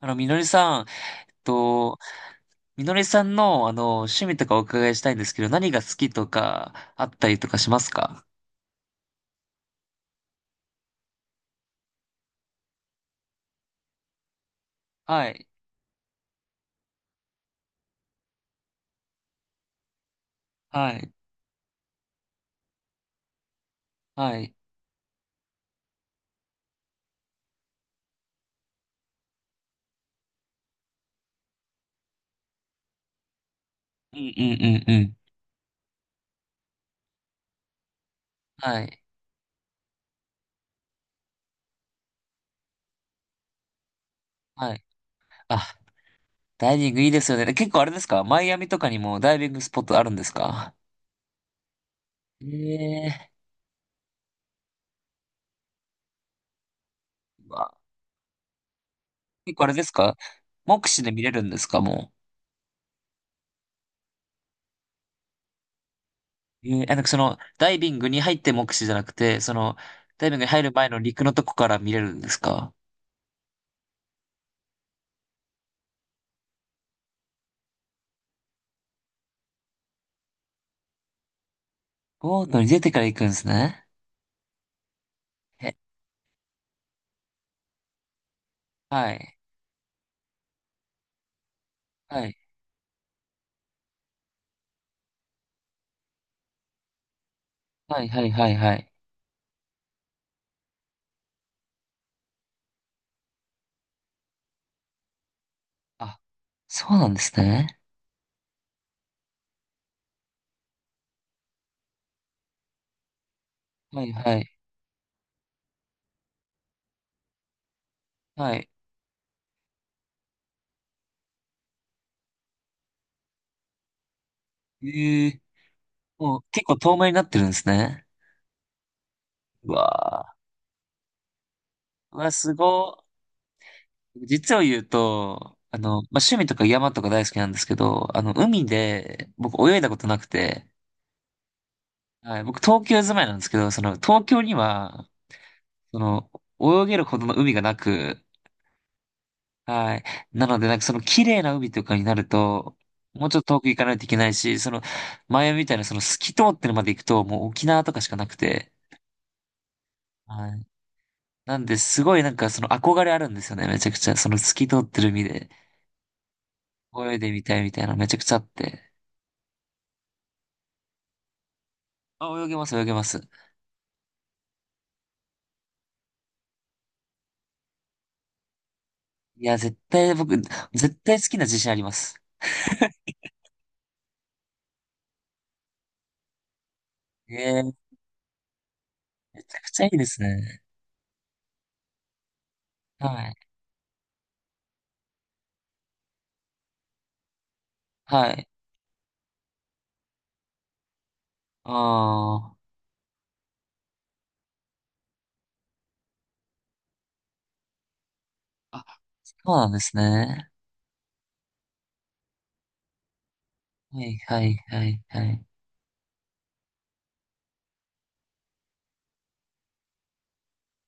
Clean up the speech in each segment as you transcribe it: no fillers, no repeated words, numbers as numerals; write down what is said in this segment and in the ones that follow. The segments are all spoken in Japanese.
みのりさん、えっと、みのりさんの、趣味とかお伺いしたいんですけど、何が好きとか、あったりとかしますか？はい、はい、はい。うん、うん、うん、うん。はい、はい。あ、ダイビングいいですよね。結構あれですか？マイアミとかにもダイビングスポットあるんですか？ええー。うわ。結構あれですか？目視で見れるんですか？もう。ええ、あ、なんか、その、ダイビングに入って目視じゃなくて、その、ダイビングに入る前の陸のとこから見れるんですか？ボートに出てから行くんですね。へ。はい。はい。はい、はい、はい、はい。あ、そうなんですね。はい、はい、はい。ええ、もう結構透明になってるんですね。うわー、うわ、すごい。実を言うと、まあ、趣味とか山とか大好きなんですけど、海で僕泳いだことなくて、はい、僕東京住まいなんですけど、その東京には、その、泳げるほどの海がなく、はい。なので、なんかその綺麗な海とかになると、もうちょっと遠く行かないといけないし、その前みたいなその透き通ってるまで行くと、もう沖縄とかしかなくて、はい。なんで、すごいなんかその憧れあるんですよね、めちゃくちゃ。その透き通ってる海で泳いでみたいみたいなめちゃくちゃあって。あ、泳げます、泳げます。いや、絶対僕、絶対好きな自信あります。ええ、めちゃくちゃいいですね。はい。はい。ああ。あ、そうなんですね。はい、はい、はい、はい。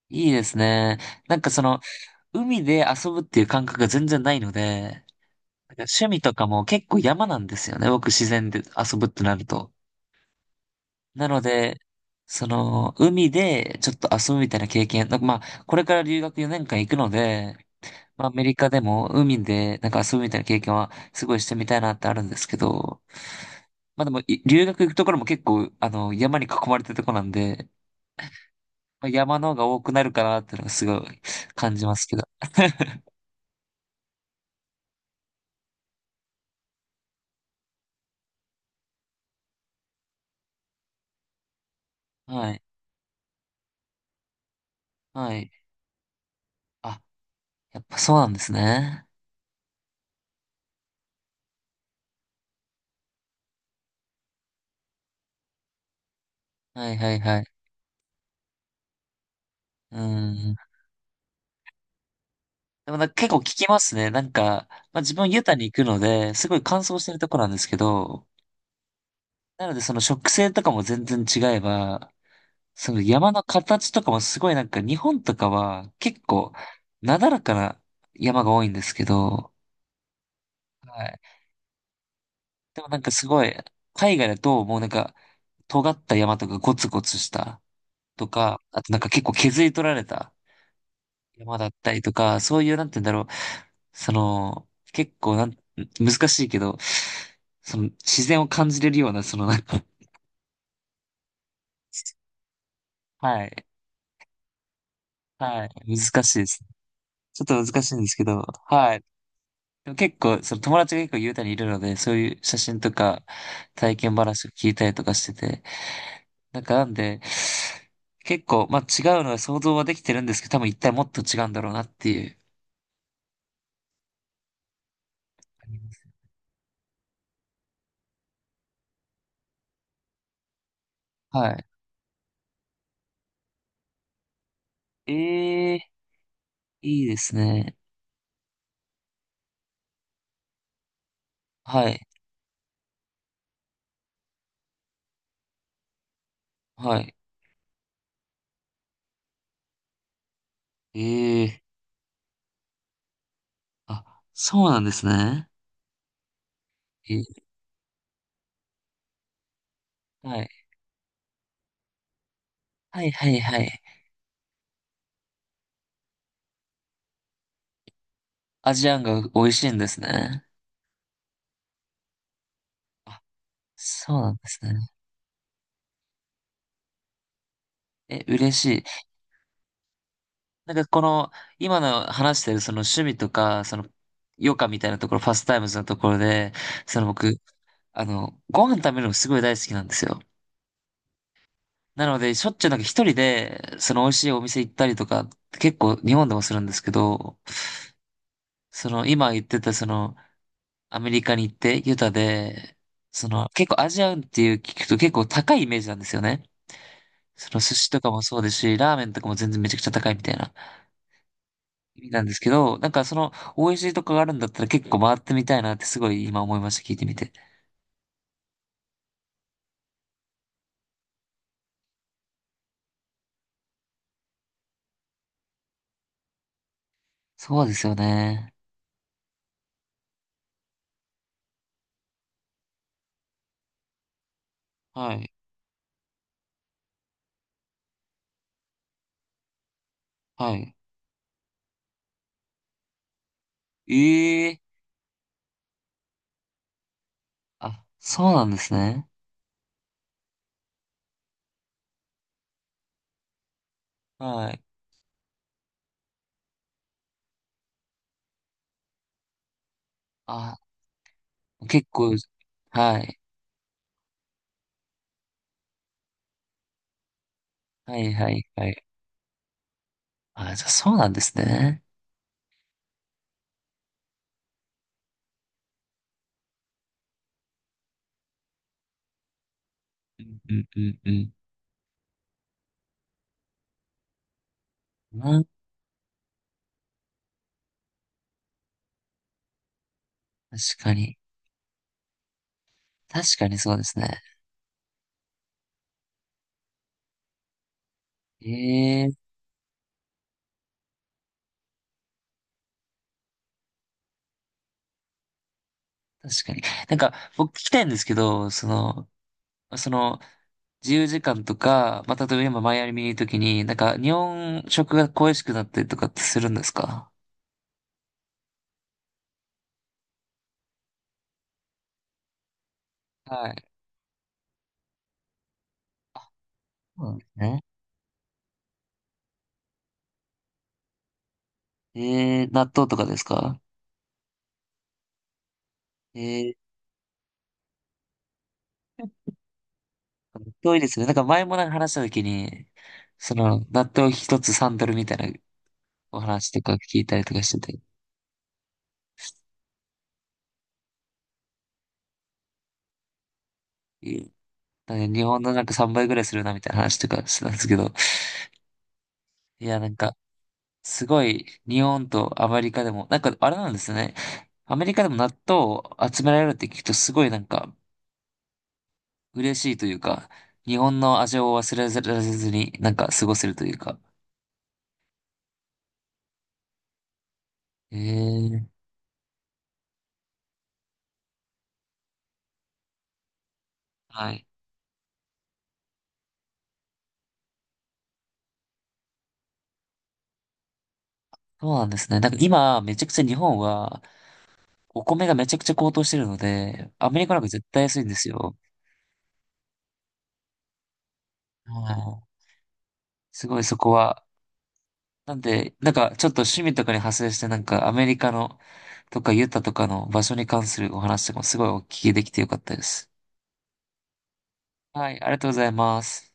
いいですね。なんかその、海で遊ぶっていう感覚が全然ないので、なんか趣味とかも結構山なんですよね。僕自然で遊ぶってなると。なので、その、海でちょっと遊ぶみたいな経験、なんかまあ、これから留学4年間行くので、まあ、アメリカでも海でなんか遊ぶみたいな経験はすごいしてみたいなってあるんですけど、まあでも、留学行くところも結構、山に囲まれてるとこなんで、まあ、山の方が多くなるかなっていうのがすごい感じますけど。はい。はい。あ、やっぱそうなんですね。はいはいはい。うん。でもなんか結構聞きますね。なんか、まあ、自分ユタに行くので、すごい乾燥してるところなんですけど、なのでその植生とかも全然違えば、その山の形とかもすごいなんか日本とかは結構なだらかな山が多いんですけど、はい。でもなんかすごい、海外だともうなんか尖った山とかゴツゴツしたとか、あとなんか結構削り取られた山だったりとか、そういう、なんて言うんだろう。その、結構なん、難しいけど、その、自然を感じれるような、その、なんか、はい、はい、難しいです。ちょっと難しいんですけど、はい。でも結構、その友達が結構雄太にいるので、そういう写真とか、体験話を聞いたりとかしてて、なんかなんで、結構、まあ違うのは想像はできてるんですけど、多分一体もっと違うんだろうなっていう。はい。ええ、いいですね。はい。はい。ええ、あ、そうなんですね。え、はい。はいはいはい。アジアンが美味しいんですね。あ、そうなんですね。え、嬉しい。なんかこの、今の話してるその趣味とか、その、余暇みたいなところ、パスタイムズのところで、その僕、ご飯食べるのすごい大好きなんですよ。なので、しょっちゅうなんか一人で、その美味しいお店行ったりとか、結構日本でもするんですけど、その今言ってたその、アメリカに行って、ユタで、その、結構アジアンっていう聞くと結構高いイメージなんですよね。その寿司とかもそうですし、ラーメンとかも全然めちゃくちゃ高いみたいな意味なんですけど、なんかその、美味しいとこがあるんだったら結構回ってみたいなってすごい今思いました、聞いてみて。そうですよね。はい。はい。ええ、あ、そうなんですね。はい。あ、結構、はい。はい、はい、はい。あ、じゃあそうなんですね。うん、うん、うん、うん。うん、確かに。確かにそうですね。ええ、確かに。なんか、僕聞きたいんですけど、その、自由時間とか、まあ、例えば今マイアミにいるときに、なんか、日本食が恋しくなったりとかってするんですか？はい。そうなんですね。えー納豆とかですか？ええ、納豆いいですね。なんか前もなんか話したときに、その、納豆一つサンドルみたいなお話とか聞いたりとかしてて、ええ、なんか日本のなんか3倍ぐらいするなみたいな話とかしてたんですけど、いや、なんか、すごい、日本とアメリカでも、なんかあれなんですね。アメリカでも納豆を集められるって聞くとすごいなんか嬉しいというか、日本の味を忘れられずになんか過ごせるというか。ええ、はい。そうなんですね。なんか今、めちゃくちゃ日本はお米がめちゃくちゃ高騰してるので、アメリカなんか絶対安いんですよ。はい。すごいそこはなんで、なんかちょっと趣味とかに派生して、なんかアメリカのとかユタとかの場所に関するお話とかもすごいお聞きできてよかったです。はい、ありがとうございます。